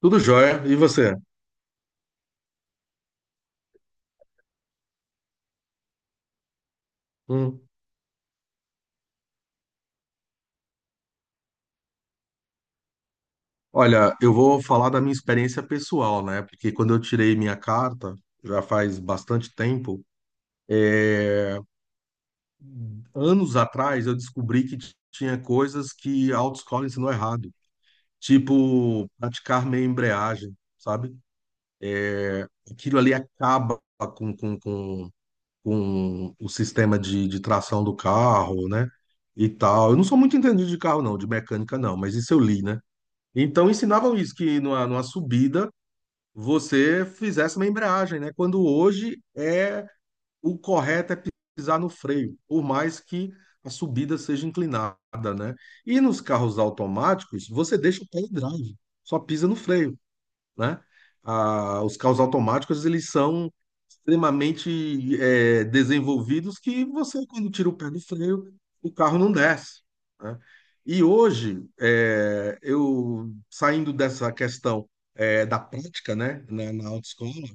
Tudo jóia. E você? Hum. Olha, eu vou falar da minha experiência pessoal, né? Porque quando eu tirei minha carta, já faz bastante tempo, anos atrás, eu descobri que tinha coisas que a autoescola ensinou errado. Tipo, praticar meia embreagem, sabe? Aquilo ali acaba com, com, com, com o sistema de tração do carro, né? E tal. Eu não sou muito entendido de carro, não, de mecânica, não, mas isso eu li, né? Então ensinavam isso, que numa subida você fizesse uma embreagem, né? Quando hoje é o correto é pisar no freio, por mais que a subida seja inclinada, né? E nos carros automáticos, você deixa o pé em drive, só pisa no freio, né? Ah, os carros automáticos, eles são extremamente desenvolvidos, que você, quando tira o pé do freio, o carro não desce, né? E hoje, eu saindo dessa questão da prática, né, na autoescola,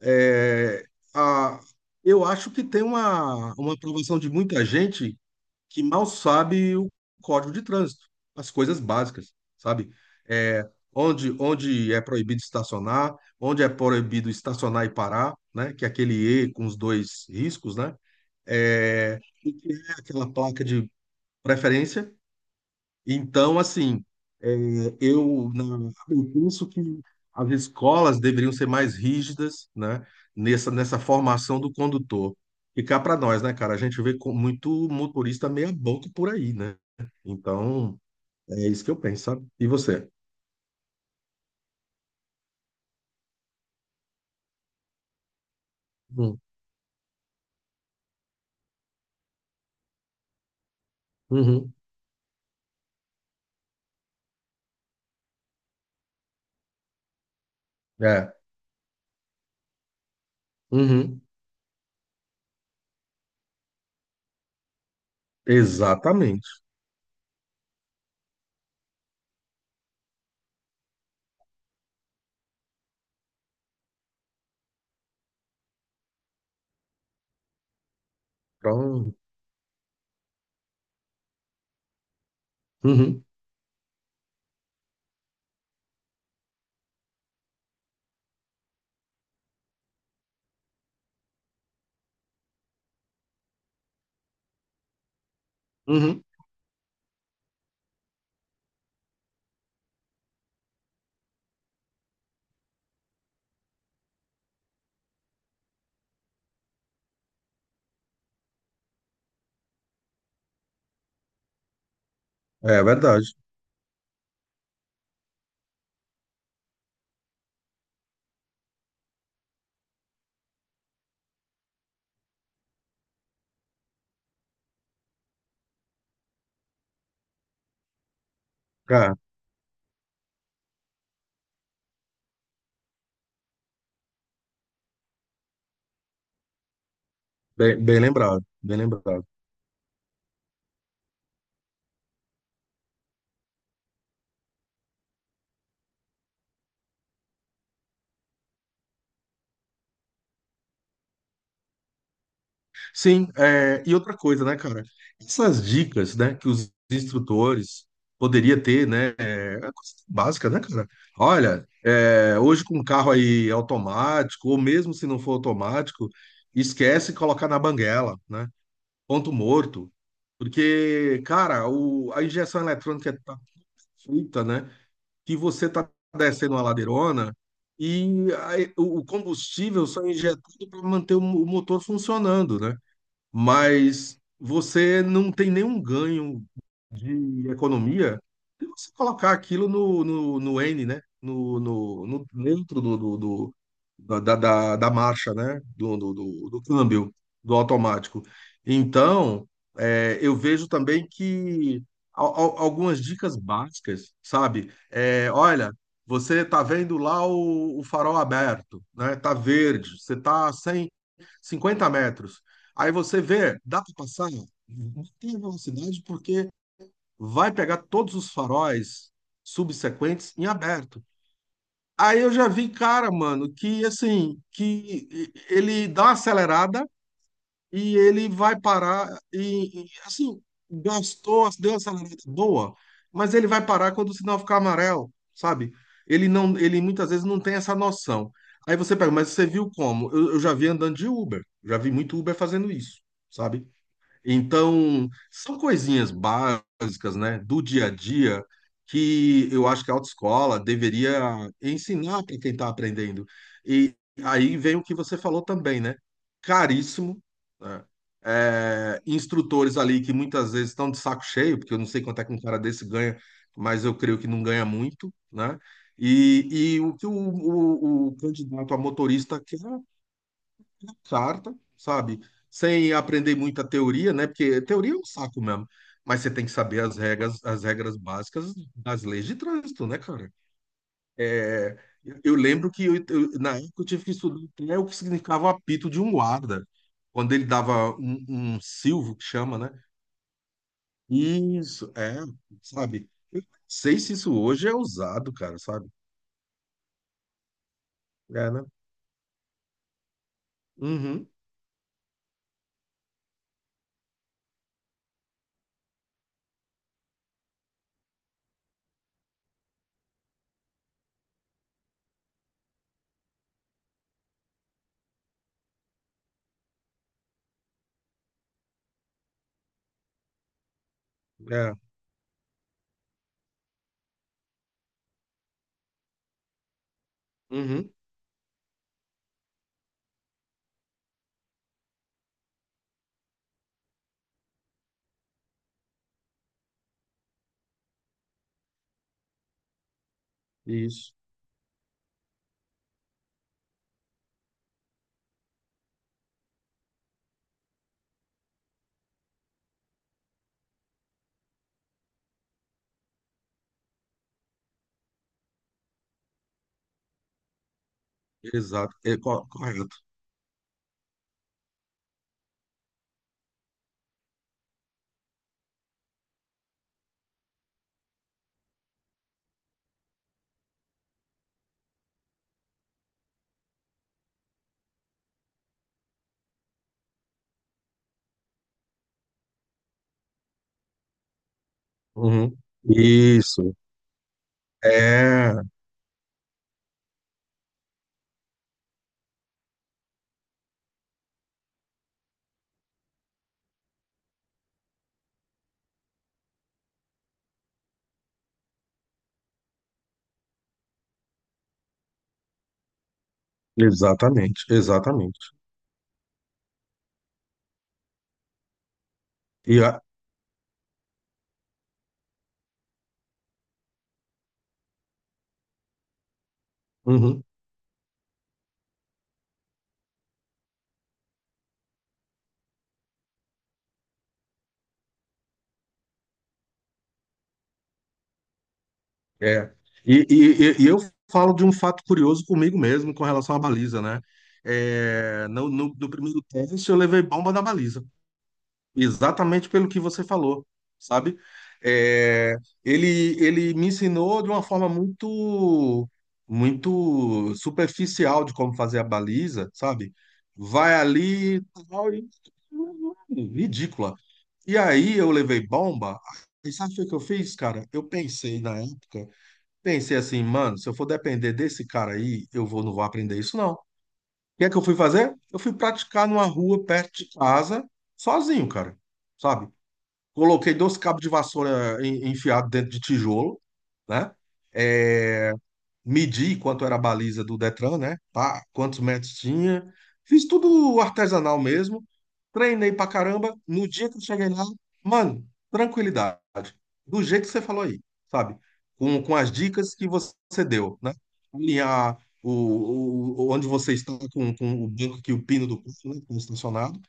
é, a, eu acho que tem uma aprovação de muita gente que mal sabe o código de trânsito, as coisas básicas, sabe? É, onde é proibido estacionar, onde é proibido estacionar e parar, né? Que é aquele E com os dois riscos, né? É, o que é aquela placa de preferência, então, assim, é, eu penso que as escolas deveriam ser mais rígidas, né, nessa formação do condutor. E cá para nós, né, cara? A gente vê com muito motorista meia-boca por aí, né? Então, é isso que eu penso, sabe? E você? Hum. Uhum. É. Uhum. Exatamente. Então, uhum. Uhum. É verdade. Cara, bem lembrado. Bem lembrado. Sim, e outra coisa, né, cara? Essas dicas, né, que os instrutores poderia ter, né, é uma coisa básica, né, cara? Olha, hoje com um carro aí automático, ou mesmo se não for automático, esquece colocar na banguela, né? Ponto morto. Porque, cara, a injeção eletrônica tá feita, né, que você tá descendo uma ladeirona e aí o combustível só é injetado para manter o o motor funcionando, né? Mas você não tem nenhum ganho de economia se você colocar aquilo no N, né? Dentro da marcha, né? Do câmbio, do automático. Então, eu vejo também que algumas dicas básicas, sabe? É, olha, você tá vendo lá o farol aberto, né? Tá verde, você tá sem 50 metros. Aí você vê, dá para passar? Não tem velocidade porque vai pegar todos os faróis subsequentes em aberto. Aí eu já vi, cara, mano, que assim, que ele dá uma acelerada e ele vai parar e, assim, gastou, deu uma acelerada boa, mas ele vai parar quando o sinal ficar amarelo, sabe? Ele não, ele muitas vezes não tem essa noção. Aí você pega, mas você viu como? Eu já vi andando de Uber, já vi muito Uber fazendo isso, sabe? Então, são coisinhas básicas, né, do dia a dia que eu acho que a autoescola deveria ensinar para quem está aprendendo. E aí vem o que você falou também, né? Caríssimo, né? É, instrutores ali que muitas vezes estão de saco cheio, porque eu não sei quanto é que um cara desse ganha, mas eu creio que não ganha muito, né? E, e o que o candidato a motorista quer Sarta, sabe? Sem aprender muita teoria, né? Porque teoria é um saco mesmo. Mas você tem que saber as regras básicas das leis de trânsito, né, cara? É, eu lembro que na época eu tive que estudar até o que significava o apito de um guarda, quando ele dava um, um silvo, que chama, né? Isso, é, sabe? Eu não sei se isso hoje é usado, cara, sabe? É, né? Uhum, é, uhum, isso, exato, correto. Uhum. Isso. É, exatamente, exatamente. E, a- uhum, é. Eu falo de um fato curioso comigo mesmo com relação à baliza, né? É, no primeiro teste eu levei bomba na baliza. Exatamente pelo que você falou, sabe? É, ele me ensinou de uma forma muito, muito superficial de como fazer a baliza, sabe? Vai ali, tal, e- ridícula. E aí eu levei bomba. E sabe o que eu fiz, cara? Eu pensei na época, pensei assim, mano, se eu for depender desse cara aí, eu vou, não vou aprender isso, não. O que é que eu fui fazer? Eu fui praticar numa rua perto de casa, sozinho, cara. Sabe? Coloquei dois cabos de vassoura enfiado dentro de tijolo, né? É, medi quanto era a baliza do Detran, né? Pá, quantos metros tinha. Fiz tudo artesanal mesmo. Treinei pra caramba. No dia que eu cheguei lá, mano, tranquilidade. Do jeito que você falou aí, sabe? Com as dicas que você deu, né? Alinhar onde você está com o banco que o pino do carro, né? Que está estacionado.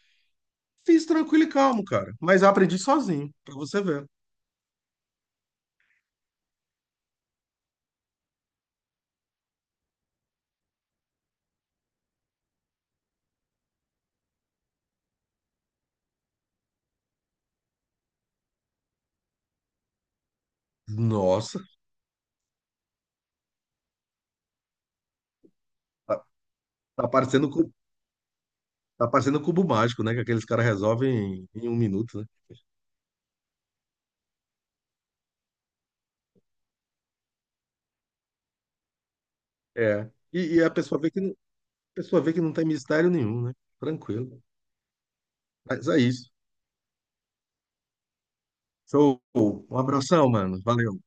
Fiz tranquilo e calmo, cara. Mas aprendi sozinho, pra você ver. Nossa, tá, tá parecendo, cu- tá parecendo cubo mágico, né? Que aqueles caras resolvem em, em 1 minuto, né? É. E, e a pessoa vê que, a pessoa vê que não tem mistério nenhum, né? Tranquilo. Mas é isso. Show. Um abração, mano. Valeu.